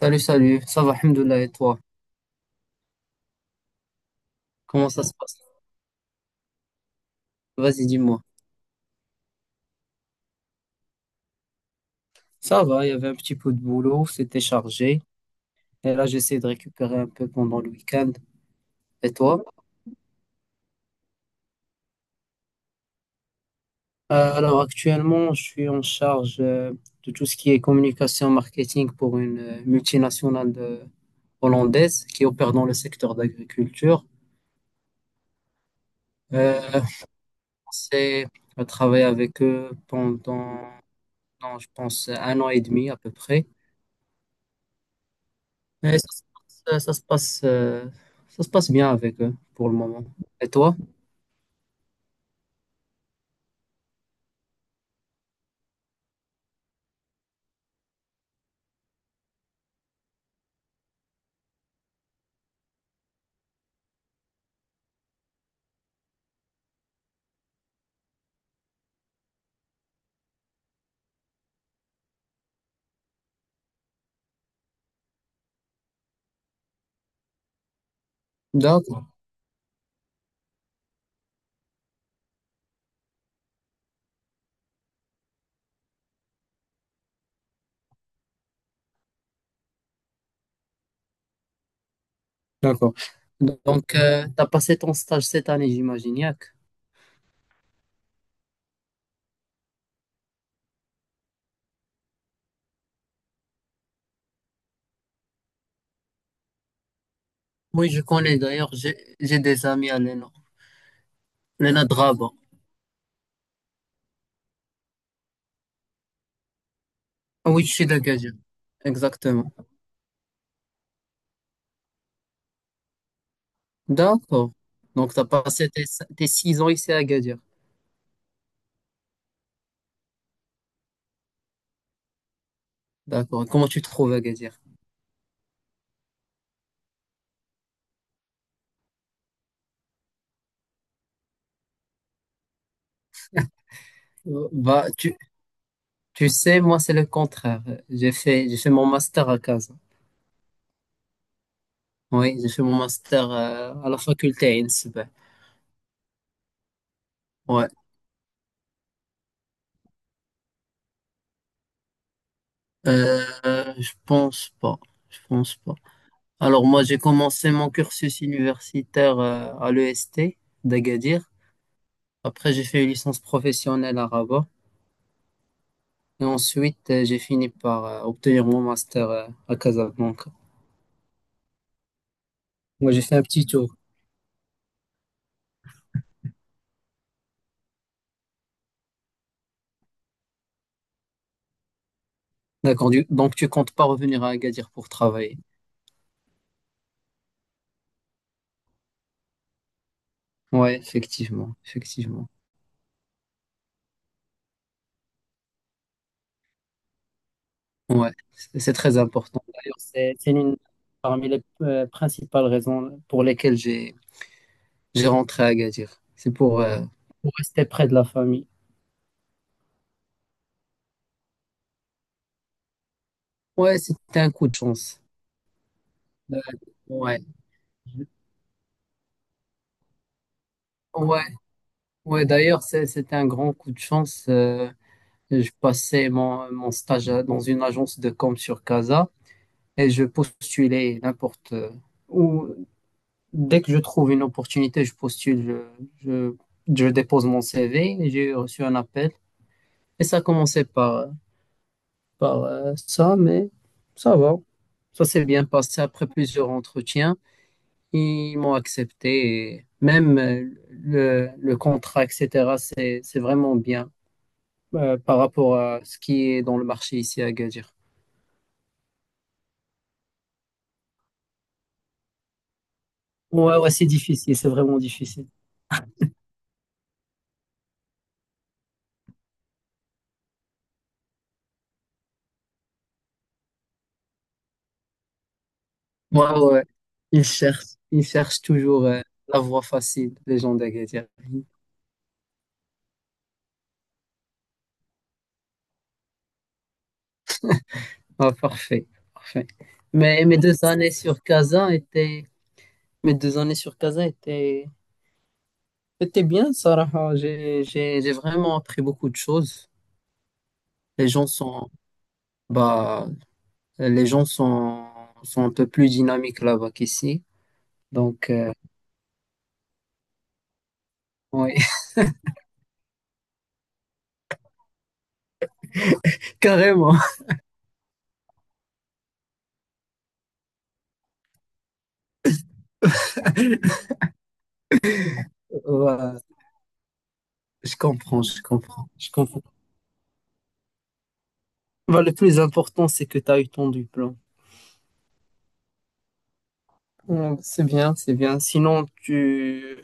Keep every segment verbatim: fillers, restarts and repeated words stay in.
Salut, salut, ça va, Alhamdoulilah, et toi? Comment ça se passe? Vas-y, dis-moi. Ça va, il y avait un petit peu de boulot, c'était chargé, et là j'essaie de récupérer un peu pendant le week-end. Et toi? Euh, alors actuellement, je suis en charge euh, de tout ce qui est communication marketing pour une euh, multinationale de- hollandaise qui opère dans le secteur d'agriculture. Euh, c'est à travailler avec eux pendant, non, je pense, un an et demi à peu près. Mais ça, se passe, euh, ça se passe, euh, ça se passe bien avec eux pour le moment. Et toi? D'accord. D'accord. Donc, euh, tu as passé ton stage cette année, j'imagine, Yak. Oui, je connais d'ailleurs, j'ai j'ai des amis à Lena. Lena Draba. Ah oui, je suis de Gadir. Exactement. D'accord. Donc, tu as passé tes, tes six ans ici à Gadir. D'accord. Comment tu te trouves à Gadir? Euh, Bah, tu, tu sais, moi, c'est le contraire. J'ai fait, j'ai fait mon master à Casa. Oui, j'ai fait mon master euh, à la faculté à Innsbruck. Ouais, euh, je pense pas, je pense pas. Alors moi j'ai commencé mon cursus universitaire euh, à l'E S T d'Agadir. Après j'ai fait une licence professionnelle à Rabat et ensuite euh, j'ai fini par euh, obtenir mon master euh, à Casablanca. Moi j'ai fait un petit tour. D'accord, du- donc tu comptes pas revenir à Agadir pour travailler. Ouais, effectivement, effectivement. Ouais, c'est c'est très important. D'ailleurs, c'est c'est l'une parmi les euh, principales raisons pour lesquelles j'ai J'ai rentré à Agadir. C'est pour. euh, Pour rester près de la famille. Ouais, c'était un coup de chance. Euh, ouais, ouais, ouais. D'ailleurs, c'est- c'était un grand coup de chance. Euh, je passais mon, mon stage à- dans une agence de com sur Casa et je postulais n'importe euh, où. Dès que je trouve une opportunité, je postule, je, je, je dépose mon C V et j'ai reçu un appel. Et ça commençait par par euh, ça, mais ça va. Ça s'est bien passé après plusieurs entretiens. Ils m'ont accepté. Et même euh, le, le contrat, et cetera, c'est, c'est vraiment bien euh, par rapport à ce qui est dans le marché ici à Agadir. Ouais, ouais, c'est difficile, c'est vraiment difficile. Ouais, ouais, ouais. Ils cherchent, ils cherchent toujours euh, la voie facile, les gens d'Agadir. Ah, parfait, parfait. Mais mes deux années sur Kazan étaient, mes deux années sur Kazan étaient C'était bien, Sarah. J'ai, j'ai, j'ai vraiment appris beaucoup de choses. Les gens sont, Bah, les gens sont, sont un peu plus dynamiques là-bas qu'ici. Donc, euh, oui, carrément. Ouais, je comprends, je comprends, je comprends. Bah, le plus important, c'est que tu as eu ton diplôme. Mm. C'est bien, c'est bien. Sinon, tu,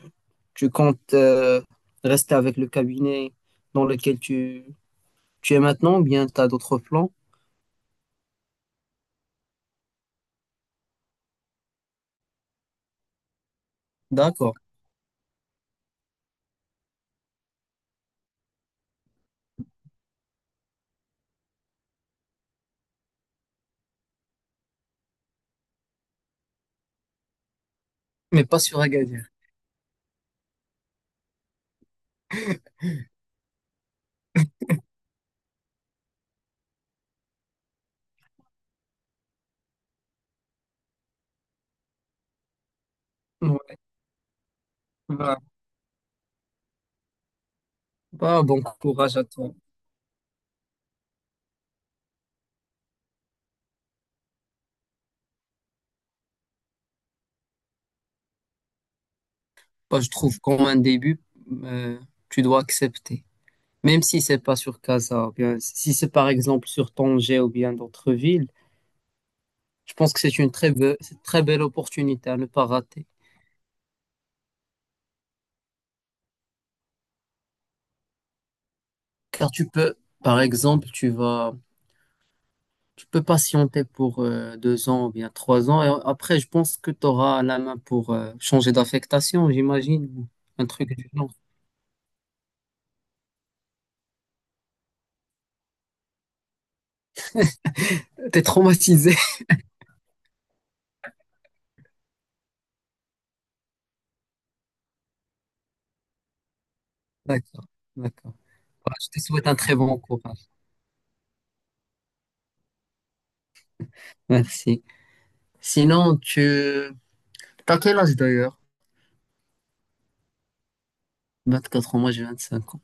tu comptes euh, rester avec le cabinet dans lequel tu, tu es maintenant ou bien tu as d'autres plans? D'accord, mais pas sur Agadir. Ouais. Bah, Bah, bon courage à toi. Bah, je trouve qu'en un début, euh, tu dois accepter. Même si c'est pas sur Casa, ou bien si c'est par exemple sur Tanger ou bien d'autres villes, je pense que c'est une très be- c'est une très belle opportunité à ne pas rater. Car tu peux, par exemple, tu vas, tu peux patienter pour euh, deux ans ou bien trois ans, et après, je pense que tu auras la main pour euh, changer d'affectation, j'imagine, ou un truc du genre. T'es traumatisé. D'accord, d'accord. Bah, je te souhaite un très bon courage. Merci. Sinon, tu... T'as quel âge d'ailleurs? vingt-quatre ans, moi j'ai vingt-cinq ans.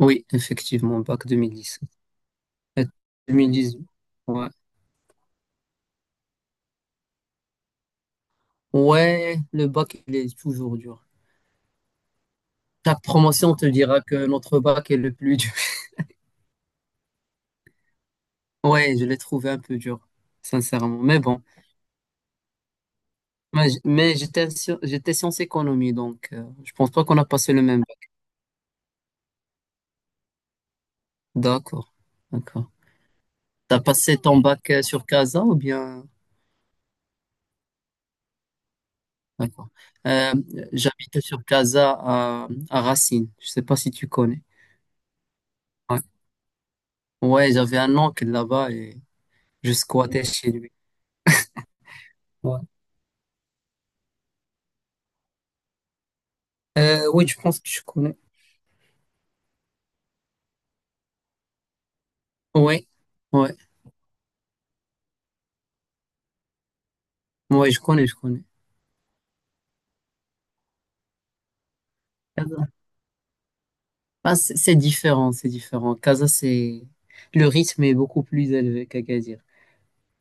Oui, effectivement, bac deux mille dix-sept. Et deux mille dix-huit, ouais. Ouais, le bac, il est toujours dur. Chaque promotion te dira que notre bac est le plus dur. Ouais, je l'ai trouvé un peu dur, sincèrement. Mais bon, mais, j- mais j'étais sci- j'étais sciences économie, donc euh, je pense pas qu'on a passé le même bac. D'accord, d'accord. T'as passé ton bac euh, sur Casa ou bien... D'accord. Euh, J'habitais sur Casa à, à Racine. Je sais pas si tu connais. Ouais, ouais, j'avais un oncle là-bas et je squattais chez lui. Ouais. Euh, oui, je pense que je connais. Oui, ouais, ouais, je connais, je connais. Casa. Ah, c'est c'est différent, c'est différent. Casa, c'est le rythme est beaucoup plus élevé qu'Agadir.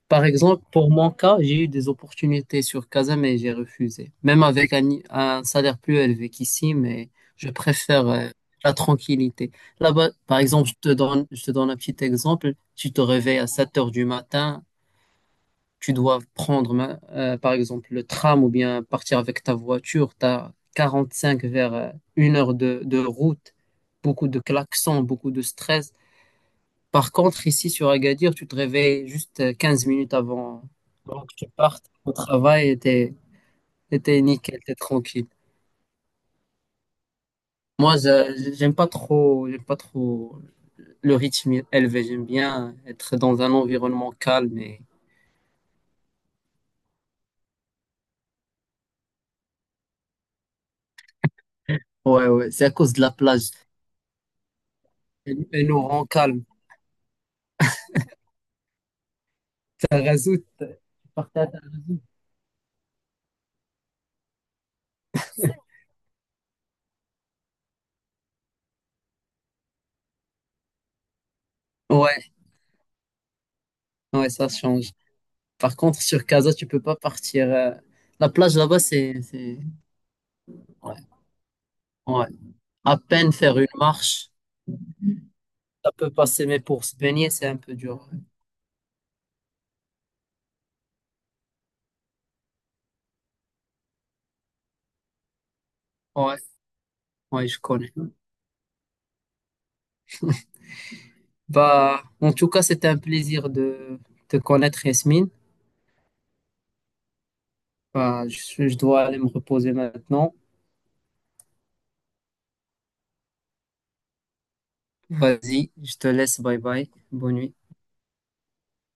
Par exemple, pour mon cas, j'ai eu des opportunités sur Casa, mais j'ai refusé. Même avec un, un salaire plus élevé qu'ici, mais je préfère euh, la tranquillité. Là-bas, par exemple, je te donne, je te donne un petit exemple. Tu te réveilles à sept heures du matin, tu dois prendre, ma- euh, par exemple, le tram ou bien partir avec ta voiture. Tu as quarante-cinq vers euh, une heure de, de route, beaucoup de klaxons, beaucoup de stress. Par contre, ici sur Agadir, tu te réveilles juste euh, quinze minutes avant. Donc, tu pars au travail et t'es, et t'es nickel, t'es tranquille. Moi, je- j'aime pas trop, j'aime pas trop le rythme élevé. J'aime bien être dans un environnement calme et, ouais, ouais, c'est à cause de la plage. Elle, elle nous rend calme. Ça résout. Ouais, ouais, ça change. Par contre, sur Casa, tu peux pas partir. euh, La plage là-bas, c'est, c'est, ouais, ouais. À peine faire une marche. Ça peut passer, mais pour se baigner, c'est un peu dur. Ouais, ouais, je connais. Bah, en tout cas, c'était un plaisir de te connaître, Yasmine. Bah, je, je dois aller me reposer maintenant. Vas-y, je te laisse. Bye bye. Bonne nuit.